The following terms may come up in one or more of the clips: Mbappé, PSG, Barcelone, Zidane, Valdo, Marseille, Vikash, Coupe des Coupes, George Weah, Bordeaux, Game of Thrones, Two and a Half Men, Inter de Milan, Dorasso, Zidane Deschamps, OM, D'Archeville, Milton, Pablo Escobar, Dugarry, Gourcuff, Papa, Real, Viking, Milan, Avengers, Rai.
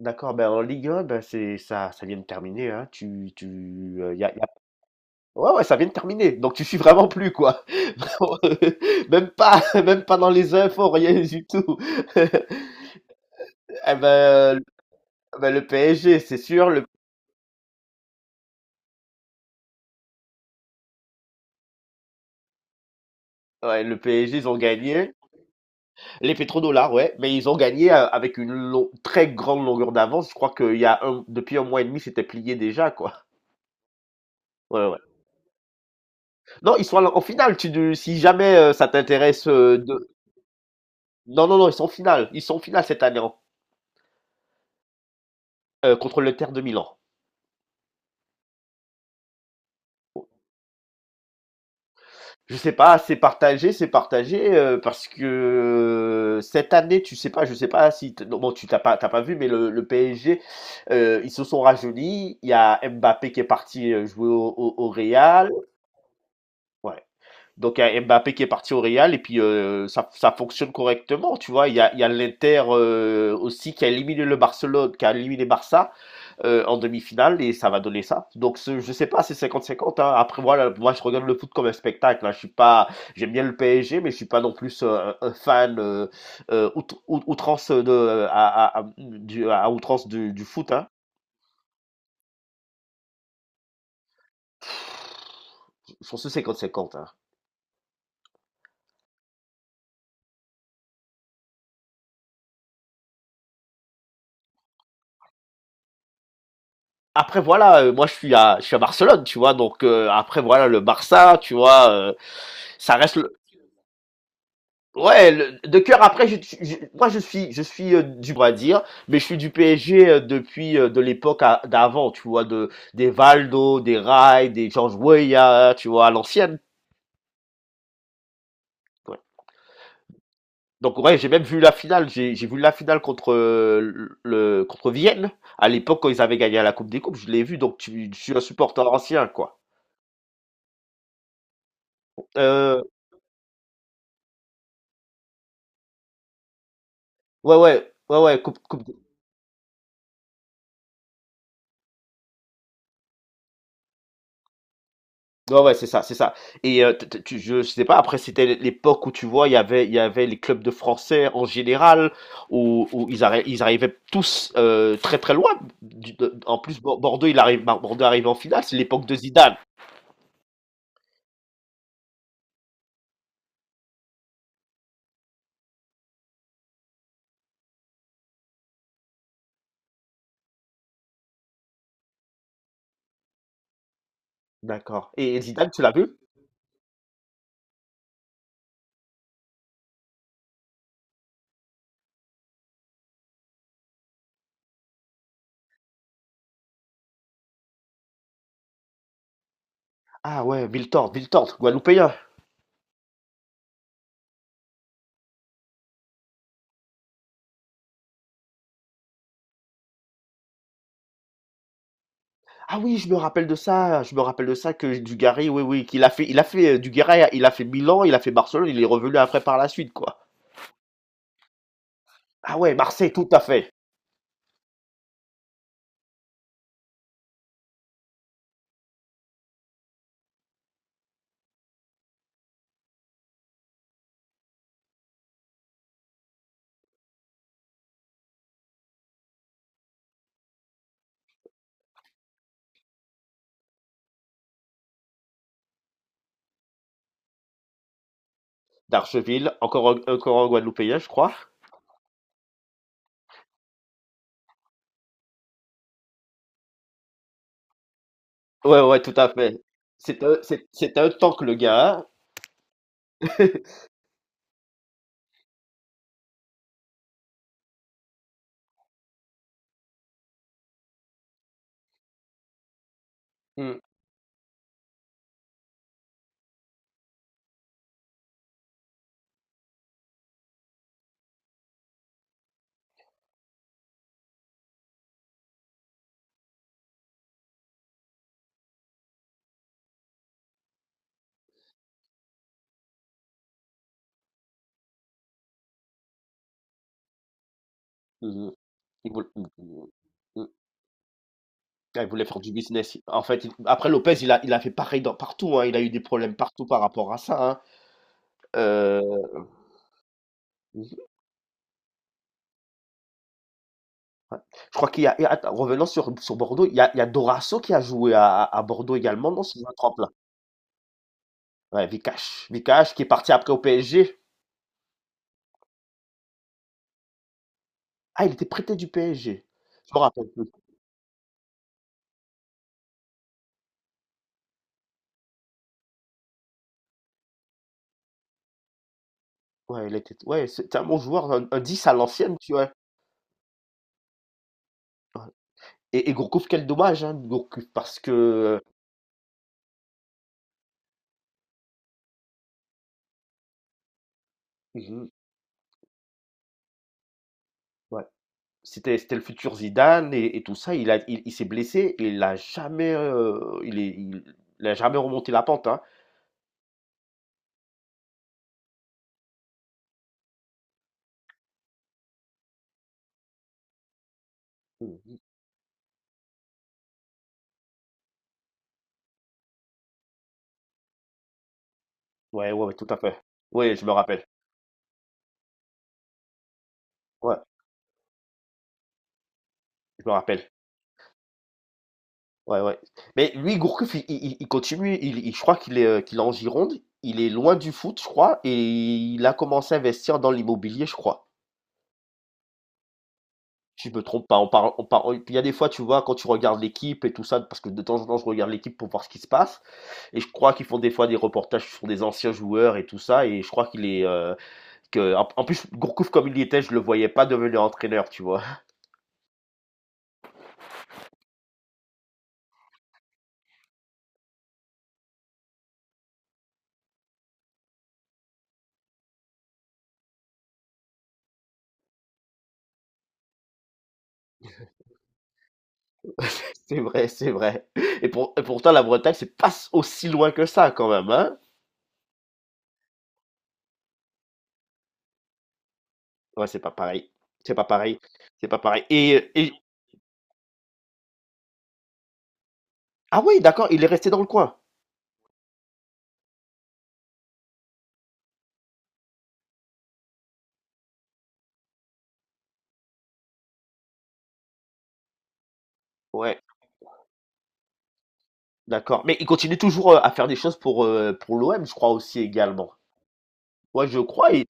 D'accord, ben, en Ligue 1, ben, c'est ça vient de terminer, hein. Tu tu, y a y a Ouais, ouais, ça vient de terminer, donc tu suis vraiment plus, quoi. Même pas dans les infos, rien du tout. Eh ben, ben, le PSG, c'est sûr, le ouais, le PSG, ils ont gagné. Les pétrodollars, ouais, mais ils ont gagné, avec une long très grande longueur d'avance. Je crois qu'il y a un depuis un mois et demi, c'était plié déjà, quoi. Ouais, ouais. Non, ils sont à la en finale, tu si jamais, ça t'intéresse, de non, non, non, ils sont en finale, ils sont en finale cette année, contre l'Inter de Milan. Bon, je sais pas, c'est partagé, c'est partagé, parce que, cette année, tu sais pas, je sais pas si t- non, bon, tu t'as pas vu, mais le PSG, ils se sont rajeunis. Il y a Mbappé qui est parti, jouer au Real. Ouais. Donc il y a Mbappé qui est parti au Real et puis, ça fonctionne correctement, tu vois. Il y a l'Inter, aussi qui a éliminé Barça, en demi-finale, et ça va donner ça. Donc, je sais pas, c'est cinquante-cinquante, hein. Après voilà, moi je regarde le foot comme un spectacle, hein. Je suis pas, J'aime bien le PSG, mais je suis pas non plus, un fan, euh, out- outrance de à- du, à outrance du foot, hein. Je pense que c'est cinquante 50, hein. Après voilà, moi je suis à Barcelone, tu vois? Donc, après voilà le Barça, tu vois? Ça reste le ouais, le de cœur. Après, je suis, du Brésil, mais je suis du PSG, depuis, de l'époque a d'avant, tu vois? De Des Valdo, des Rai, des George Weah, tu vois? À l'ancienne, ouais. Donc ouais, j'ai même vu la finale. J'ai vu la finale contre, le contre Vienne. À l'époque, quand ils avaient gagné à la Coupe des Coupes, je l'ai vu. Donc, je suis un supporter ancien, quoi. Euh, ouais, ouais, ouais, ouais, coupe, coupe, ouais, ouais, c'est ça, c'est ça. Et, je sais pas. Après, c'était l'époque où tu vois, il y avait les clubs de Français en général, où ils arrivaient tous, très très loin. En plus, Bordeaux arrive en finale. C'est l'époque de Zidane. D'accord. Et Zidane, tu l'as vu? Ah ouais, Milton, Milton, Guadeloupéen. Ah oui, je me rappelle de ça, je me rappelle de ça, que Dugarry, oui, oui, qu'il a fait, Dugarry, il a fait Milan, il a fait Barcelone, il est revenu après par la suite, quoi. Ah ouais, Marseille, tout à fait. D'Archeville, encore, encore un Guadeloupéen, je crois. Ouais, ouais, tout à fait. C'est un tank, le gars. Mm, mm, mm. Mm, mm, mm. Mm. Ah, il voulait faire du business. En fait, après Lopez, il a fait pareil partout, hein. Il a eu des problèmes partout par rapport à ça, hein. Euh, Je crois et attends, revenons sur Bordeaux. Il y a Dorasso qui a joué à Bordeaux également, non, si je ne me trompe là. Ouais, Vikash. Vikash qui est parti après au PSG. Ah, il était prêté du PSG. Je me rappelle plus. Ouais, ouais, c'était un bon joueur, un 10 à l'ancienne, tu vois. Ouais. Et Gourcuff, quel dommage, hein, Gourcuff, parce que… Mhm. Ouais, c'était le futur Zidane, et tout ça. Il s'est blessé et il a jamais remonté la pente, hein. Mhm. Ouais, ouais, ouais, tout à fait. Ouais, je me rappelle. Ouais, je me rappelle. Ouais, ouais. Mais lui, Gourcuff, il continue. Je crois qu'il est en Gironde. Il est loin du foot, je crois. Et il a commencé à investir dans l'immobilier, je crois. Si je me trompe pas. On parle, il y a des fois, tu vois, quand tu regardes l'équipe et tout ça, parce que de temps en temps, je regarde l'équipe pour voir ce qui se passe. Et je crois qu'ils font des fois des reportages sur des anciens joueurs et tout ça. Et je crois en plus, Gourcuff, comme il y était, je le voyais pas devenir entraîneur, tu vois. C'est vrai, c'est vrai. Et pourtant, la Bretagne, c'est pas aussi loin que ça, quand même, hein. Ouais, c'est pas pareil. C'est pas pareil. C'est pas pareil. Ah oui, d'accord, il est resté dans le coin? Ouais, d'accord. Mais il continue toujours, à faire des choses pour l'OM, je crois aussi également. Ouais, je crois. Et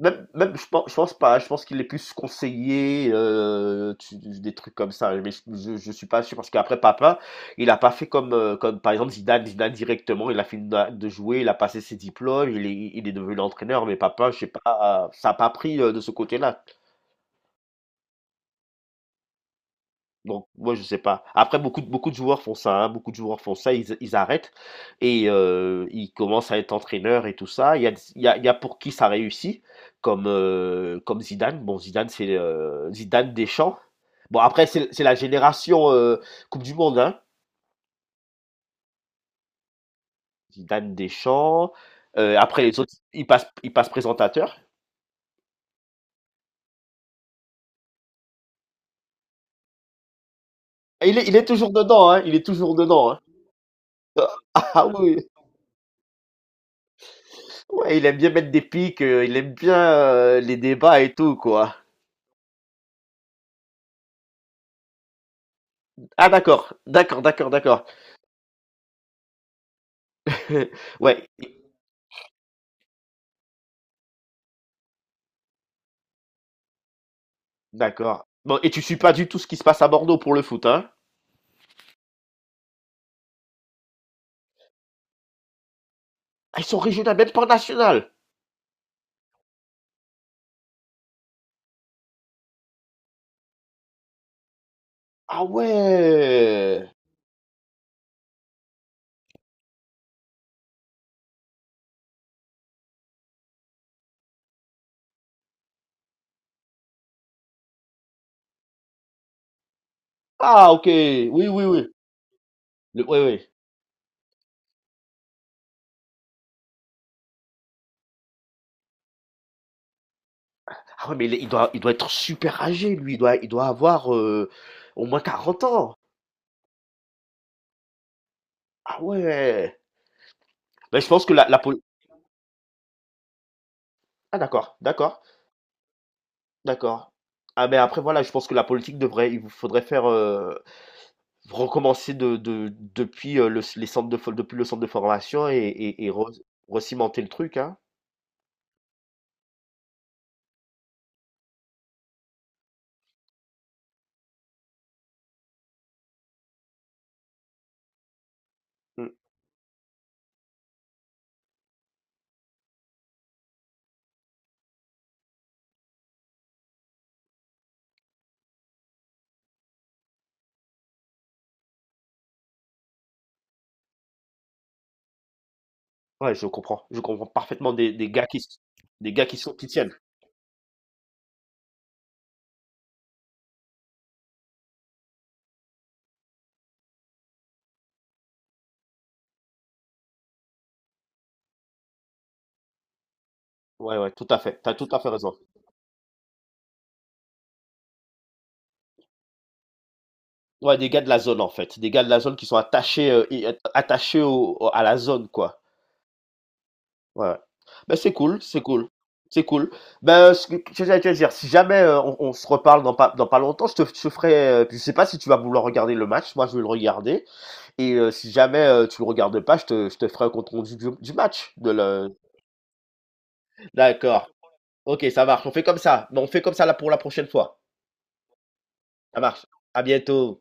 même je pense pas, je pense qu'il est plus conseiller, tu des trucs comme ça, mais je suis pas sûr parce qu'après Papa, il a pas fait comme par exemple Zidane. Zidane directement, il a fini d'a de jouer, il a passé ses diplômes, il est devenu l'entraîneur, mais Papa, je sais pas, ça a pas pris, de ce côté-là. Donc, moi, je sais pas. Après, beaucoup de joueurs font ça, hein. Beaucoup de joueurs font ça, ils arrêtent et, ils commencent à être entraîneurs et tout ça. Il y a, il y a, il y a pour qui ça réussit, comme Zidane. Bon, Zidane, c'est, Zidane Deschamps. Bon, après, c'est la génération, Coupe du Monde, hein. Zidane Deschamps. Après, les autres, ils passent présentateur. Et il est toujours dedans, hein. Il est toujours dedans, hein. Ah oui, ouais, il aime bien mettre des pics, il aime bien, les débats et tout, quoi. Ah d'accord, d'accord, d'accord, d'accord. Ouais, d'accord. Bon, et tu suis pas du tout ce qui se passe à Bordeaux pour le foot, hein? Ah, ils sont régionales, même pas nationales. Ah ouais. Ah ok, oui, oui, oui. Oui, oui. Ah ouais, mais il il doit être super âgé, lui. Il doit avoir, au moins 40 ans. Ah ouais. Mais je pense que la poli- Ah d'accord, d'accord, d'accord. Ah mais après voilà, je pense que il vous faudrait faire, recommencer depuis, le les centres de for depuis le centre de formation et re recimenter le truc, hein. Mmh. Ouais, je comprends. Je comprends parfaitement des gars qui s des gars qui tiennent. Ouais, ouais, tout à fait. Tu as tout à fait raison. Ouais, des gars de la zone, en fait. Des gars de la zone qui sont attachés au au à la zone, quoi. Ouais, ouais. Bah, c'est cool, c'est cool, c'est cool. Ben, ce que j'allais te dire, si jamais, on se reparle dans pas longtemps, je te ferai, je sais pas si tu vas vouloir regarder le match, moi je vais le regarder. Et, si jamais, tu le regardes pas, je te ferai un compte rendu du match. D'accord. Ok, ça marche. On fait comme ça. Mais on fait comme ça là pour la prochaine fois. Ça marche. À bientôt.